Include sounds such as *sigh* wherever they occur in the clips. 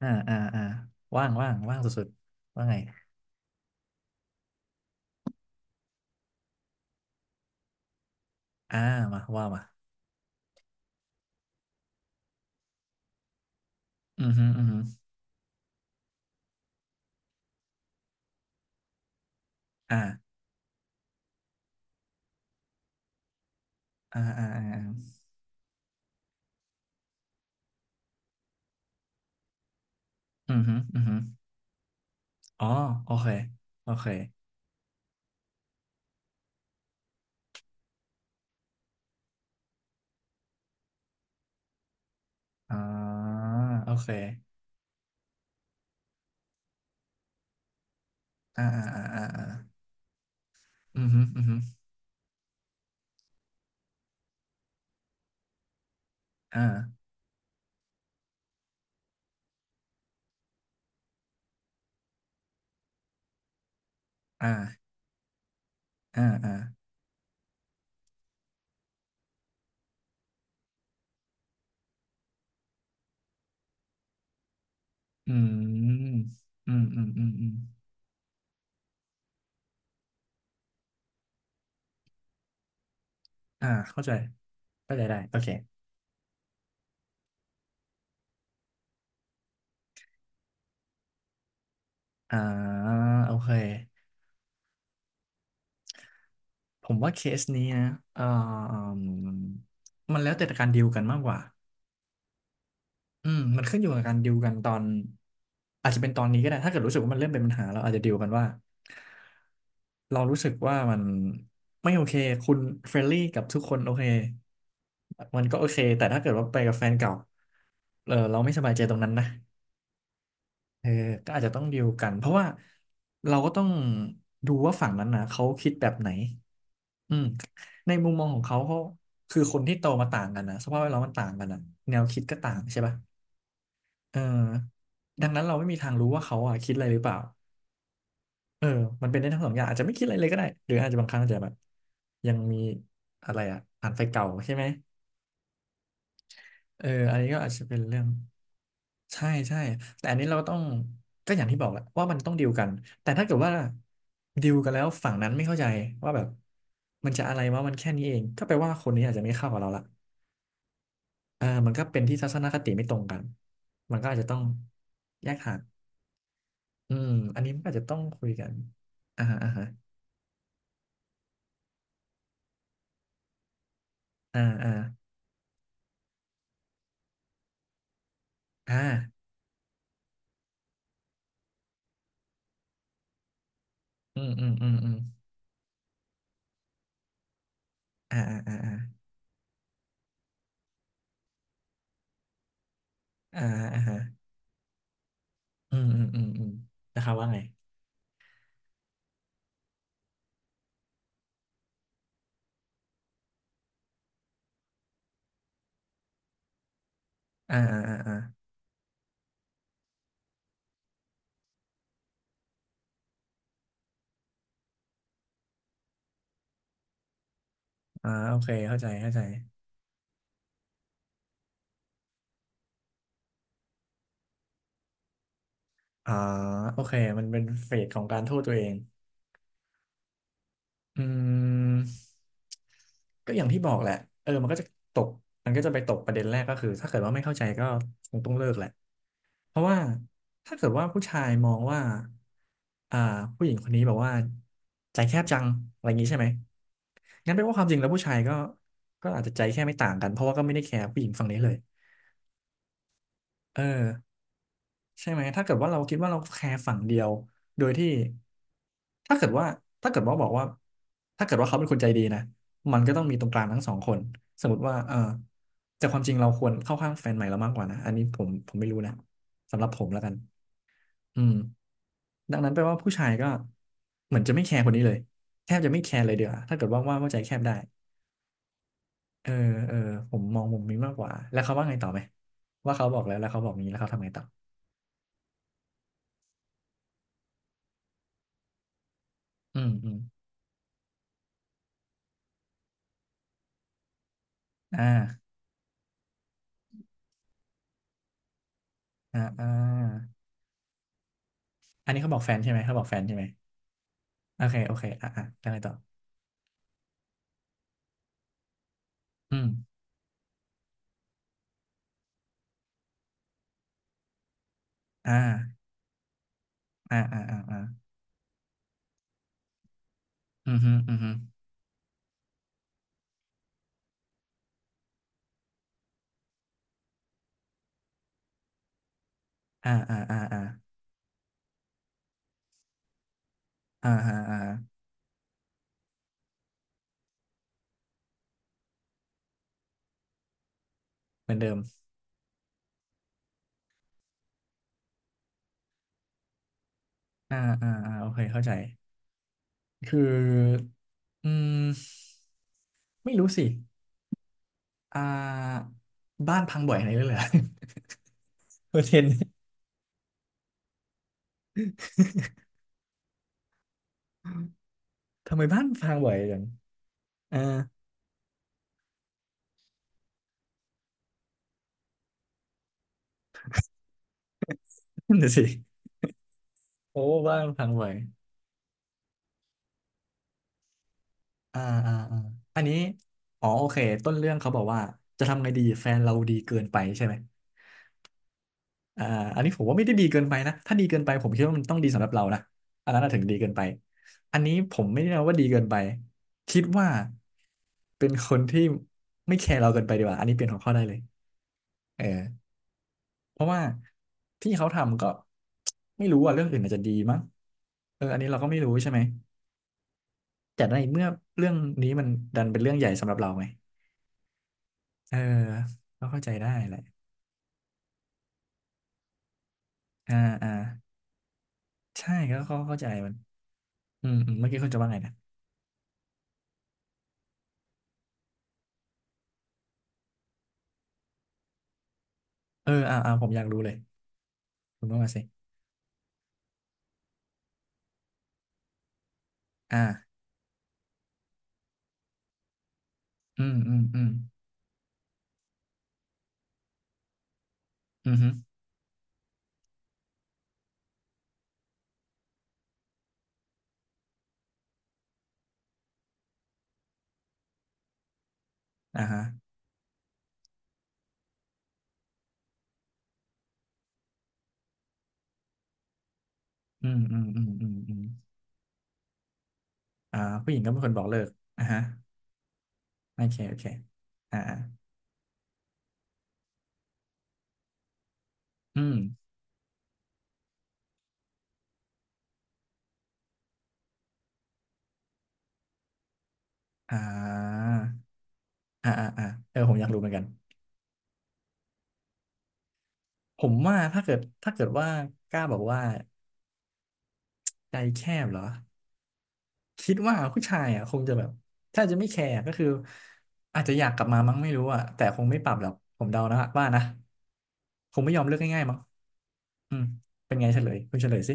อ่าอ่าอ่าว่างว่างว่างสุดๆว่าไงอ่ามาว่ามาอือฮึอือฮึอ่าอ่าอ่าอ่าอาอือฮึอือฮึอ๋อโอเคโอเคอ่าโอเคอ่าอ่าอ่าอ่าอ่าอือฮึอือฮึอ่าอ่าอ่าอ่าอืมอืมอืมอืมอืมอ่าเข้าใจเข้าใจได้โอเคอ่าโอเคผมว่าเคสนี้นะเอ่อมันแล้วแต่การดีลกันมากกว่า อืมมันขึ้นอยู่กับการดิวกันตอนอาจจะเป็นตอนนี้ก็ได้ถ้าเกิดรู้สึกว่ามันเริ่มเป็นปัญหาเราอาจจะดิวกันว่าเรารู้สึกว่ามันไม่โอเคคุณเฟรนลี่กับทุกคนโอเคมันก็โอเคแต่ถ้าเกิดว่าไปกับแฟนเก่าเออเราไม่สบายใจตรงนั้นนะเออก็อาจจะต้องดิวกันเพราะว่าเราก็ต้องดูว่าฝั่งนั้นนะเขาคิดแบบไหนอืมในมุมมองของเขาเขาคือคนที่โตมาต่างกันนะสภาพแวดล้อมมันต่างกันนะแนวคิดก็ต่างใช่ปะ เออดังนั้นเราไม่มีทางรู้ว่าเขาอ่ะคิดอะไรหรือเปล่าเออมันเป็นได้ทั้งสองอย่างอาจจะไม่คิดอะไรเลยก็ได้หรืออาจจะบางครั้งอาจจะแบบยังมีอะไรอ่ะอ่านไฟเก่าใช่ไหมเอออันนี้ก็อาจจะเป็นเรื่องใช่ใช่แต่อันนี้เราต้องก็อย่างที่บอกแหละว่ามันต้องดีลกันแต่ถ้าเกิดว่าดีลกันแล้วฝั่งนั้นไม่เข้าใจว่าแบบมันจะอะไรวะมันแค่นี้เองก็แปลว่าคนนี้อาจจะไม่เข้ากับเราละเออมันก็เป็นที่ทัศนคติไม่ตรงกันมันก็อาจจะต้องแยกห่าง อืมอันนี้มันอาจจะต้องคุยกันอ่าอ่าฮะอ่าอ่าอ่าอืมอืมอืมอืมอ่าอ่าอ่าอ่าอ่าอ่าฮะอืมอืมอืมอืมนะครับว่าไงอ่าอ่าอ่าอ่าอ่าโอเคเข้าใจเข้าใจอ่าโอเคมันเป็นเฟสของการโทษตัวเองอืมก็อย่างที่บอกแหละเออมันก็จะตกมันก็จะไปตกประเด็นแรกก็คือถ้าเกิดว่าไม่เข้าใจก็คงต้องเลิกแหละ เพราะว่าถ้าเกิดว่าผู้ชายมองว่าอ่าผู้หญิงคนนี้แบบว่าใจแคบจังอะไรอย่างนี้ใช่ไหมงั้นแปลว่าความจริงแล้วผู้ชายก็ก็อาจจะใจแค่ไม่ต่างกันเพราะว่าก็ไม่ได้แคร์ผู้หญิงฝั่งนี้เลยเออใช่ไหมถ้าเกิดว่าเราคิดว่าเราแคร์ฝั่งเดียวโดยที่ถ้าเกิดว่าถ้าเกิดว่าบอกว่าถ้าเกิดว่าเขาเป็นคนใจดีนะมันก็ต้องมีตรงกลางทั้งสองคนสมมติว่าเออแต่ความจริงเราควรเข้าข้างแฟนใหม่เรามากกว่านะอันนี้ผมไม่รู้นะสำหรับผมแล้วกัน อืมดังนั้นแปลว่าผู้ชายก็เหมือนจะไม่แคร์คนนี้เลยแทบจะไม่แคร์เลยเดียวาถ้าเกิดว่าใจแคบได้เออเออผมมองมุมนี้มากกว่าแล้วเขาว่าไงต่อไหมว่าเขาบอกแล้วแล้วเขาบอกนี้แล้วเขาทำไงต่ออืมอืมอ่าอ่าอ่าอันนี้เขาบอกแฟนใช่ไหมเขาบอกแฟนใช่ไหมโอเคโอเคอ่าอ่าแล้วไงต่ออืมอ่าอ่าอ่าอ่าอ่าอืมฮึอืมฮึอ่าอ่าอ่าอ่าอ่าอ่าอ่าเหมือนเดิมอ่าอ่าอ่าโอเคเข้าใจ คืออืมไม่รู้สิอ่าบ้านพังบ่อยอะไรด้วยเหรอ *laughs* เปอระเทนต์ทำไมบ้านพังบ่อยจังเออนั่นน่ะสิ โอ้บ้านพังบ่อยอ่าอ่าอ่าอันนี้อ๋อโอเคต้นเรื่องเขาบอกว่าจะทำไงดีแฟนเราดีเกินไปใช่ไหม อ่าอันนี้ผมว่าไม่ได้ดีเกินไปนะถ้าดีเกินไปผมคิดว่ามันต้องดีสำหรับเรานะอันนั้นน่ะถึงดีเกินไป อันนี้ผมไม่ได้นัว่าดีเกินไปคิดว่าเป็นคนที่ไม่แคร์เราเกินไปดีกว่าอันนี้เปลี่ยนหัวข้อได้เลยเออเพราะว่าที่เขาทำก็ไม่รู้อ่ะเรื่องอื่นอาจจะดีมั้งเอออันนี้เราก็ไม่รู้ใช่ไหมแต่ในเมื่อเรื่องนี้มันดันเป็นเรื่องใหญ่สำหรับเราไงเออก็เข้าใจได้แหละอ่าอ่าใช่ก็เข้าใจมันอืมอืมเมื่อกี้คุณจะว่าไงนะเอออ่าอ่าผมอยากรู้เลยคุณว่ามาสิ อ่าอืมอืมอืมอืมฮึอ่าฮะอืมอืมอืมอืมอืมอ่าผู้หญิงก็เป็นคนบอกเลิกอ่าฮะโอเคโอเคอ่าอ่าอืมอ่าอ่าอ่าอ่าเออผมอยากรู้เหมือนกัน ผมว่าถ้าเกิดว่ากล้าบอกว่าใจแคบเหรอ คิดว่าผู้ชายอ่ะคงจะแบบถ้าจะไม่แคร์ก็คืออาจจะอยากกลับมามั้งไม่รู้อ่ะแต่คงไม่ปรับหรอกผมเดานะว่านะคงไม่ยอมเลิกง่ายๆมั้งอืมเป็นไงเฉลยคุณเฉลยสิ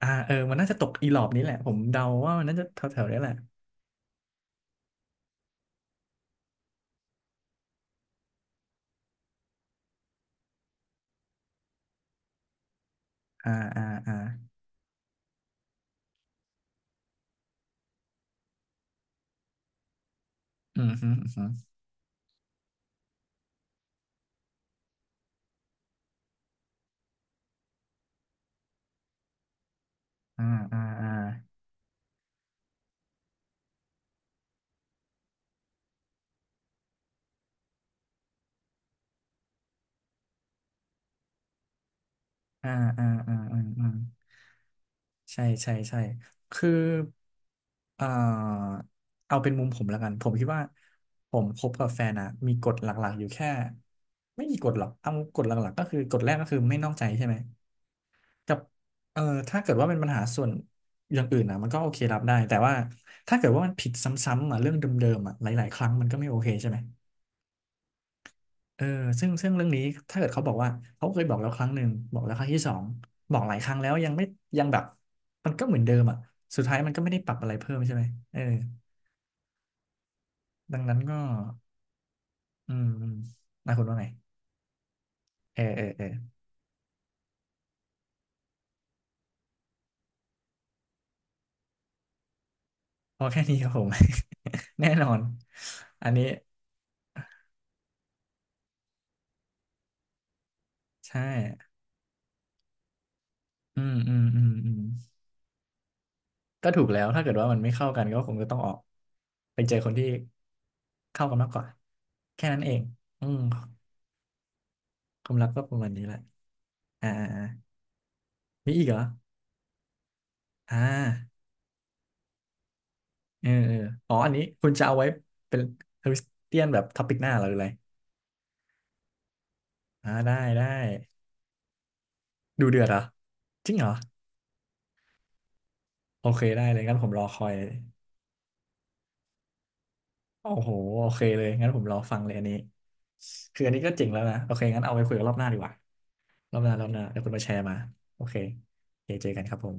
เออมันน่าจะตกอีหลอบนี้แหละผมเดาว่ามันน่าจะแถวแถวนี้แหละอ่าอ่าอ่าอืมฮึอืมฮึอ่าอ่าอ่าอ่าอ่าอ่าอ่าอ่าใช่ใช่ใช่คืออ่าเอาเป็นมุมผมแล้วกันผมคิดว่าผมคบกับแฟนอะมีกฎหลักๆอยู่แค่ไม่มีกฎหรอกเอากฎหลักๆก็คือกฎแรกก็คือไม่นอกใจใช่ไหม กับเออถ้าเกิดว่าเป็นปัญหาส่วนอย่างอื่นนะมันก็โอเครับได้แต่ว่าถ้าเกิดว่ามันผิดซ้ำๆอ่ะเรื่องเดิมๆอ่ะหลายๆครั้งมันก็ไม่โอเคใช่ไหมเออซึ่งเรื่องนี้ถ้าเกิดเขาบอกว่าเขาเคยบอกแล้วครั้งหนึ่งบอกแล้วครั้งที่สองบอกหลายครั้งแล้วยังไม่ยังแบบมันก็เหมือนเดิมอ่ะสุดท้ายมันก็ไม่ได้ปรับอะไรเพิ่มใช่ไหมเออดังนั้นก็อืมอืมนะคุณว่าไงเออเออเออพอแค่นี้ครับผม *laughs* แน่นอนอันนี้ใช่อืมอืมอืมอืม ก็ถูกแล้วถ้าเกิดว่ามันไม่เข้ากันก็คงจะต้องออกไปเจอคนที่เข้ากันมากกว่าแค่นั้นเองอืมความรักก็ประมาณนี้แหละอ่าอ่ามีอีกเหรออ่าเออเอออ๋ออันนี้คุณจะเอาไว้เป็นคริสเตียนแบบท็อปิกหน้าเหรอหรืออะไรอ่าได้ได้ดูเดือดเหรอจริงเหรอโอเคได้เลยงั้นผมรอคอยโอ้โหโอเคเลยงั้นผมรอฟังเลยอันนี้คืออันนี้ก็เจ๋งแล้วนะโอเคงั้นเอาไปคุยกันรอบหน้าดีกว่ารอบหน้าเดี๋ยวคุณมาแชร์มาโอเคโอเคเจอกันครับผม